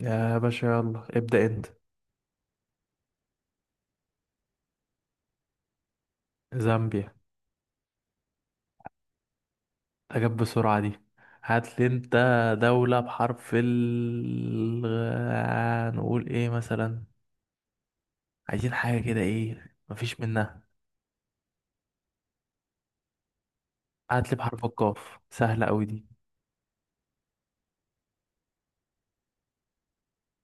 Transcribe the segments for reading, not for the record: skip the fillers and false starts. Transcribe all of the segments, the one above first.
يا باشا، يلا ابدأ انت. زامبيا. اجاب بسرعة دي. هات لي انت. دولة بحرف ال نقول ايه مثلا؟ عايزين حاجة كده، ايه مفيش منها. هات لي بحرف القاف، سهلة قوي دي.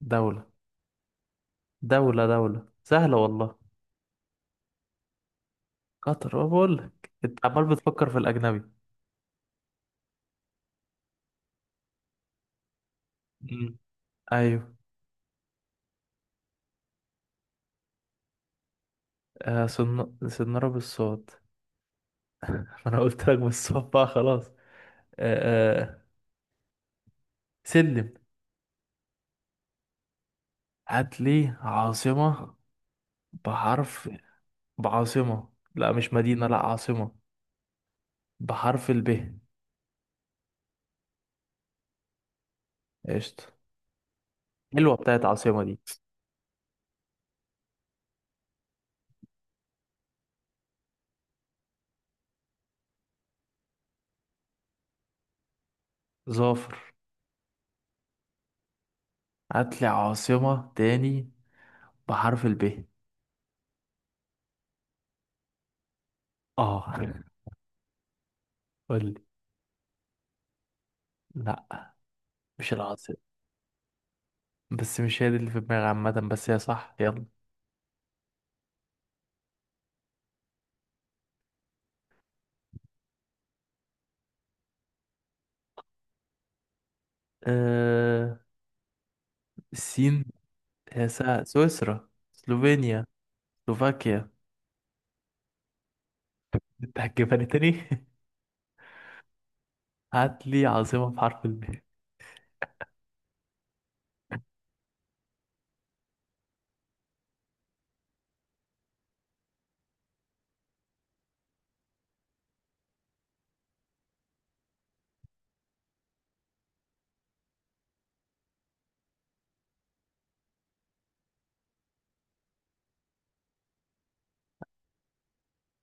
دولة دولة سهلة والله. قطر. أنا بقول لك انت عمال بتفكر في الأجنبي. مم. ايوه. صنارة بالصوت. ما انا قلت لك بالصوت بقى خلاص. آه، آه. سلم. هات لي عاصمة بحرف، بعاصمة، لا مش مدينة، لا عاصمة بحرف الب. قشطة. حلوة بتاعت عاصمة دي. ظافر. هاتلي عاصمة تاني بحرف الب. اه. قولي. لا. مش العاصمة. بس مش هي دي اللي في دماغي، عامة بس هي صح، يلا. آه... السين. هي سويسرا، سلوفينيا، سلوفاكيا. انت هتجيبها لي تاني. هاتلي عاصمة بحرف الب.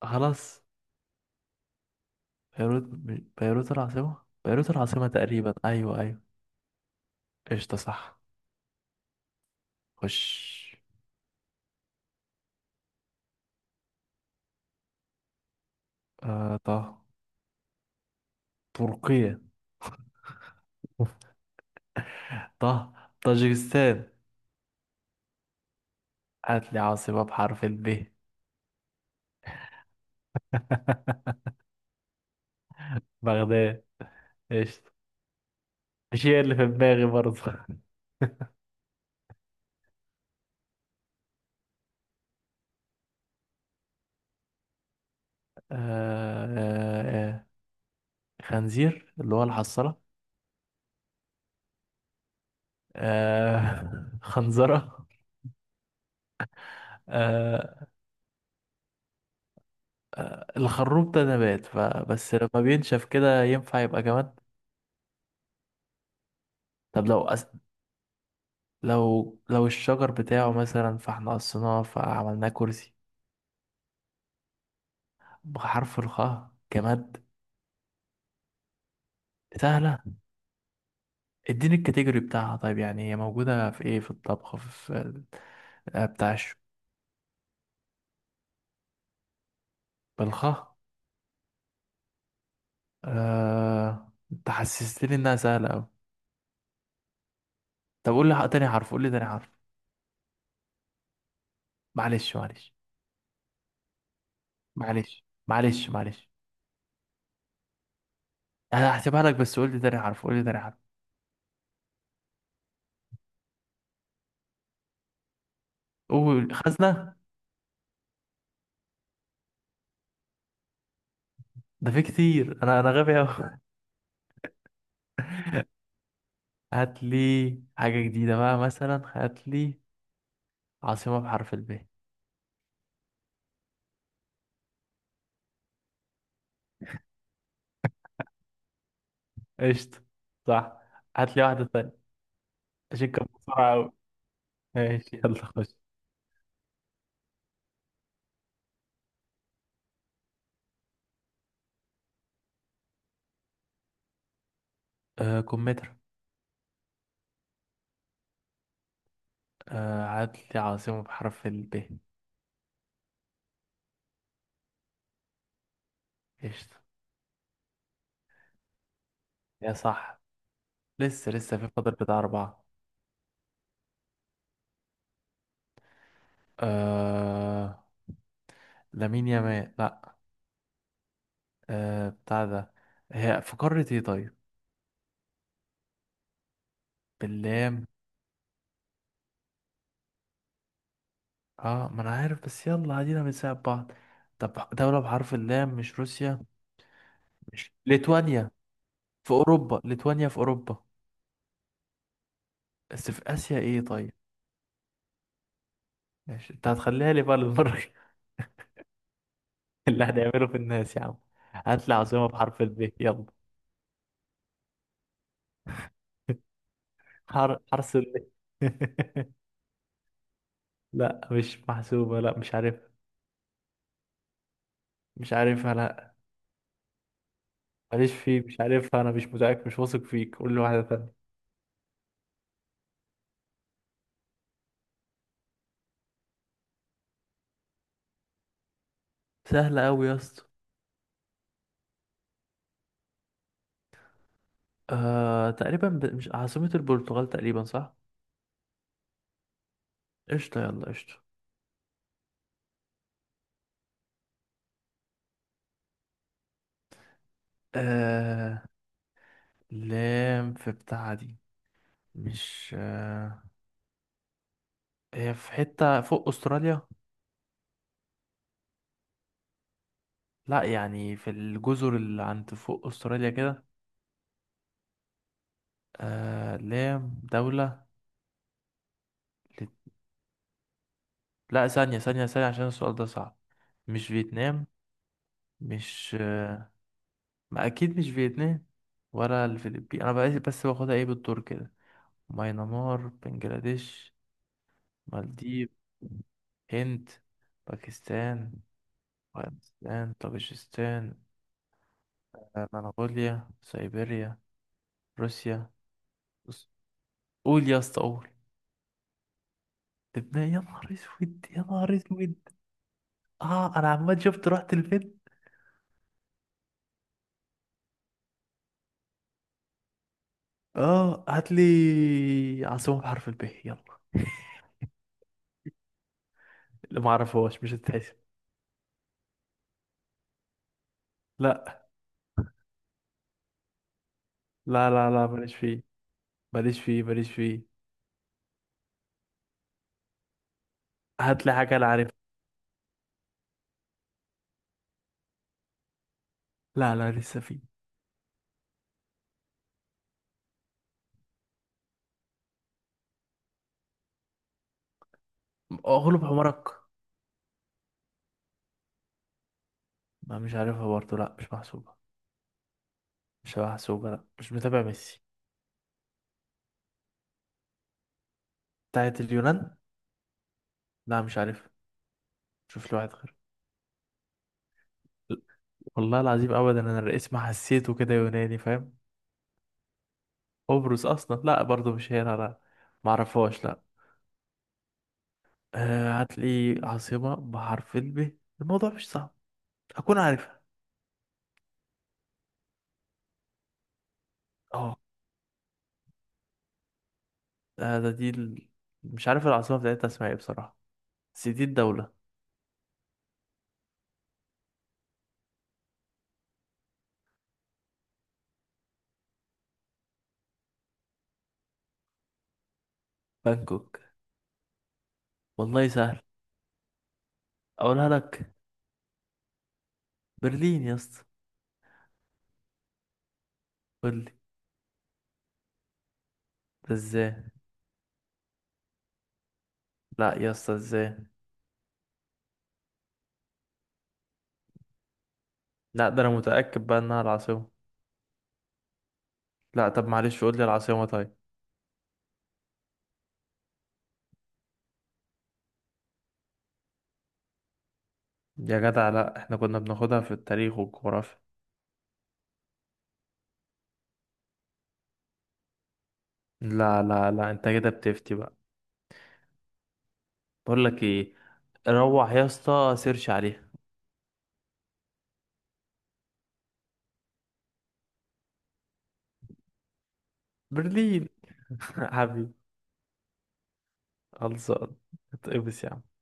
خلاص. بيروت. بيروت العاصمة، بيروت العاصمة تقريبا، أيوة، أيوة. قشطة، صح. خش. طه. تركيا. طه. طاجكستان. هات لي عاصمة بحرف الب. بغداد. قشطة. مش هي اللي في دماغي برضه. آه. آه، آه. خنزير، اللي هو الحصالة. آه. خنزرة. آه، الخروب ده نبات، فبس لما بينشف كده ينفع يبقى جماد. طب لو أس... لو الشجر بتاعه مثلا، فاحنا قصيناه فعملناه كرسي. بحرف الخاء جماد. سهلة. اديني الكاتيجوري بتاعها، طيب يعني هي موجودة في ايه؟ في الطبخ؟ في ال-، بتاعش. بالخاء. انت حسستني انها سهلة اوي. طب قول لي تاني حرف، قول لي تاني حرف. معلش، معلش، معلش. معلش، معلش. انا هحسبها لك، بس قول لي تاني حرف، قول لي تاني حرف. قول: خزنة. ده في كتير، انا غبي اوي. هات لي حاجة جديدة بقى، مثلا هات لي عاصمة بحرف الب. قشطة، صح. هات لي واحدة تانية. أشك بسرعة أوي. ماشي، يلا خش. آه، كمثرى. عدل، عاصمة بحرف ال ب. قشطة. يا صح. لسه في فاضل بتاع أربعة. آه. لامين يامال، لأ. آه، بتاع ده. هي في قارة ايه طيب؟ باللام. اه، ما أنا عارف بس، يلا عادينا بنساعد بعض. طب دولة بحرف اللام، مش روسيا. مش ليتوانيا. في أوروبا، ليتوانيا في أوروبا. بس في آسيا ايه طيب؟ ماشي، انت هتخليها لي بقى للمرة. اللي هنعمله في الناس يا عم. هات لي عاصمة بحرف الب يلا. حرس ال. لا مش محسوبة، لا مش عارفها. مش عارفها، لا. ماليش فيه، مش عارفها، أنا مش متأكد، مش واثق فيك، قول لي واحدة تانية. سهلة أوي يا اسطى. تقريبا، مش عاصمة البرتغال تقريبا، صح. قشطة، يلا قشطة. آه... لام في بتاع دي. مش هي في حتة فوق أستراليا. لا يعني في الجزر اللي عند فوق أستراليا كده. لام دولة. لت... لا، ثانية، ثانية، ثانية، عشان السؤال ده صعب. مش فيتنام. مش ما أكيد مش فيتنام. ولا الفلبين، أنا بقى بس باخدها إيه بالدور كده. ماينمار، بنجلاديش. مالديف. هند. باكستان. افغانستان، طاجيكستان. منغوليا، سيبيريا. روسيا. بص، قول يا اسطى، قول. لبنان. يا نهار اسود، يا نهار اسود. اه انا عمال شفت رحت لفين. اه، هات لي عاصمة بحرف الب يلا. اللي ما اعرفهاش مش هتتحسب. لا، لا، لا، لا، ماليش فيه، ماليش فيه. ماليش فيه. هات لي حاجة انا عارفها. لا، لا، لسه فيه. اغلب حمارك. ما مش عارفها برضه، لا مش محسوبة. مش محسوبة، لا مش متابع ميسي. بتاعت اليونان. لا مش عارفها. شوف لي واحد غير. والله العظيم ابدا، انا الاسم حسيته كده يوناني، فاهم. قبرص اصلا، لا برضه مش هي، لا، لا. ما اعرفهاش، لا. هات لي عاصمة بحرف الب، الموضوع مش صعب. هكون عارفها. اه. ده ده دي ال... مش عارف العاصمة بتاعتها اسمها ايه بصراحة، بس دي الدولة. بانكوك. والله سهل. اقولها لك. برلين يا اسطى. قول لي. ده ازاي؟ لا يا اسطى، ازاي؟ لا، ده انا متأكد بقى انها العاصمة. لا، طب معلش قول لي العاصمة طيب. يا جدع لا، احنا كنا بناخدها في التاريخ والجغرافيا. لا، لا، لا، انت كده بتفتي بقى. بقول لك ايه. روح يا اسطى سيرش عليها. برلين. حبيبي. خلصان. اتقبس يا عم.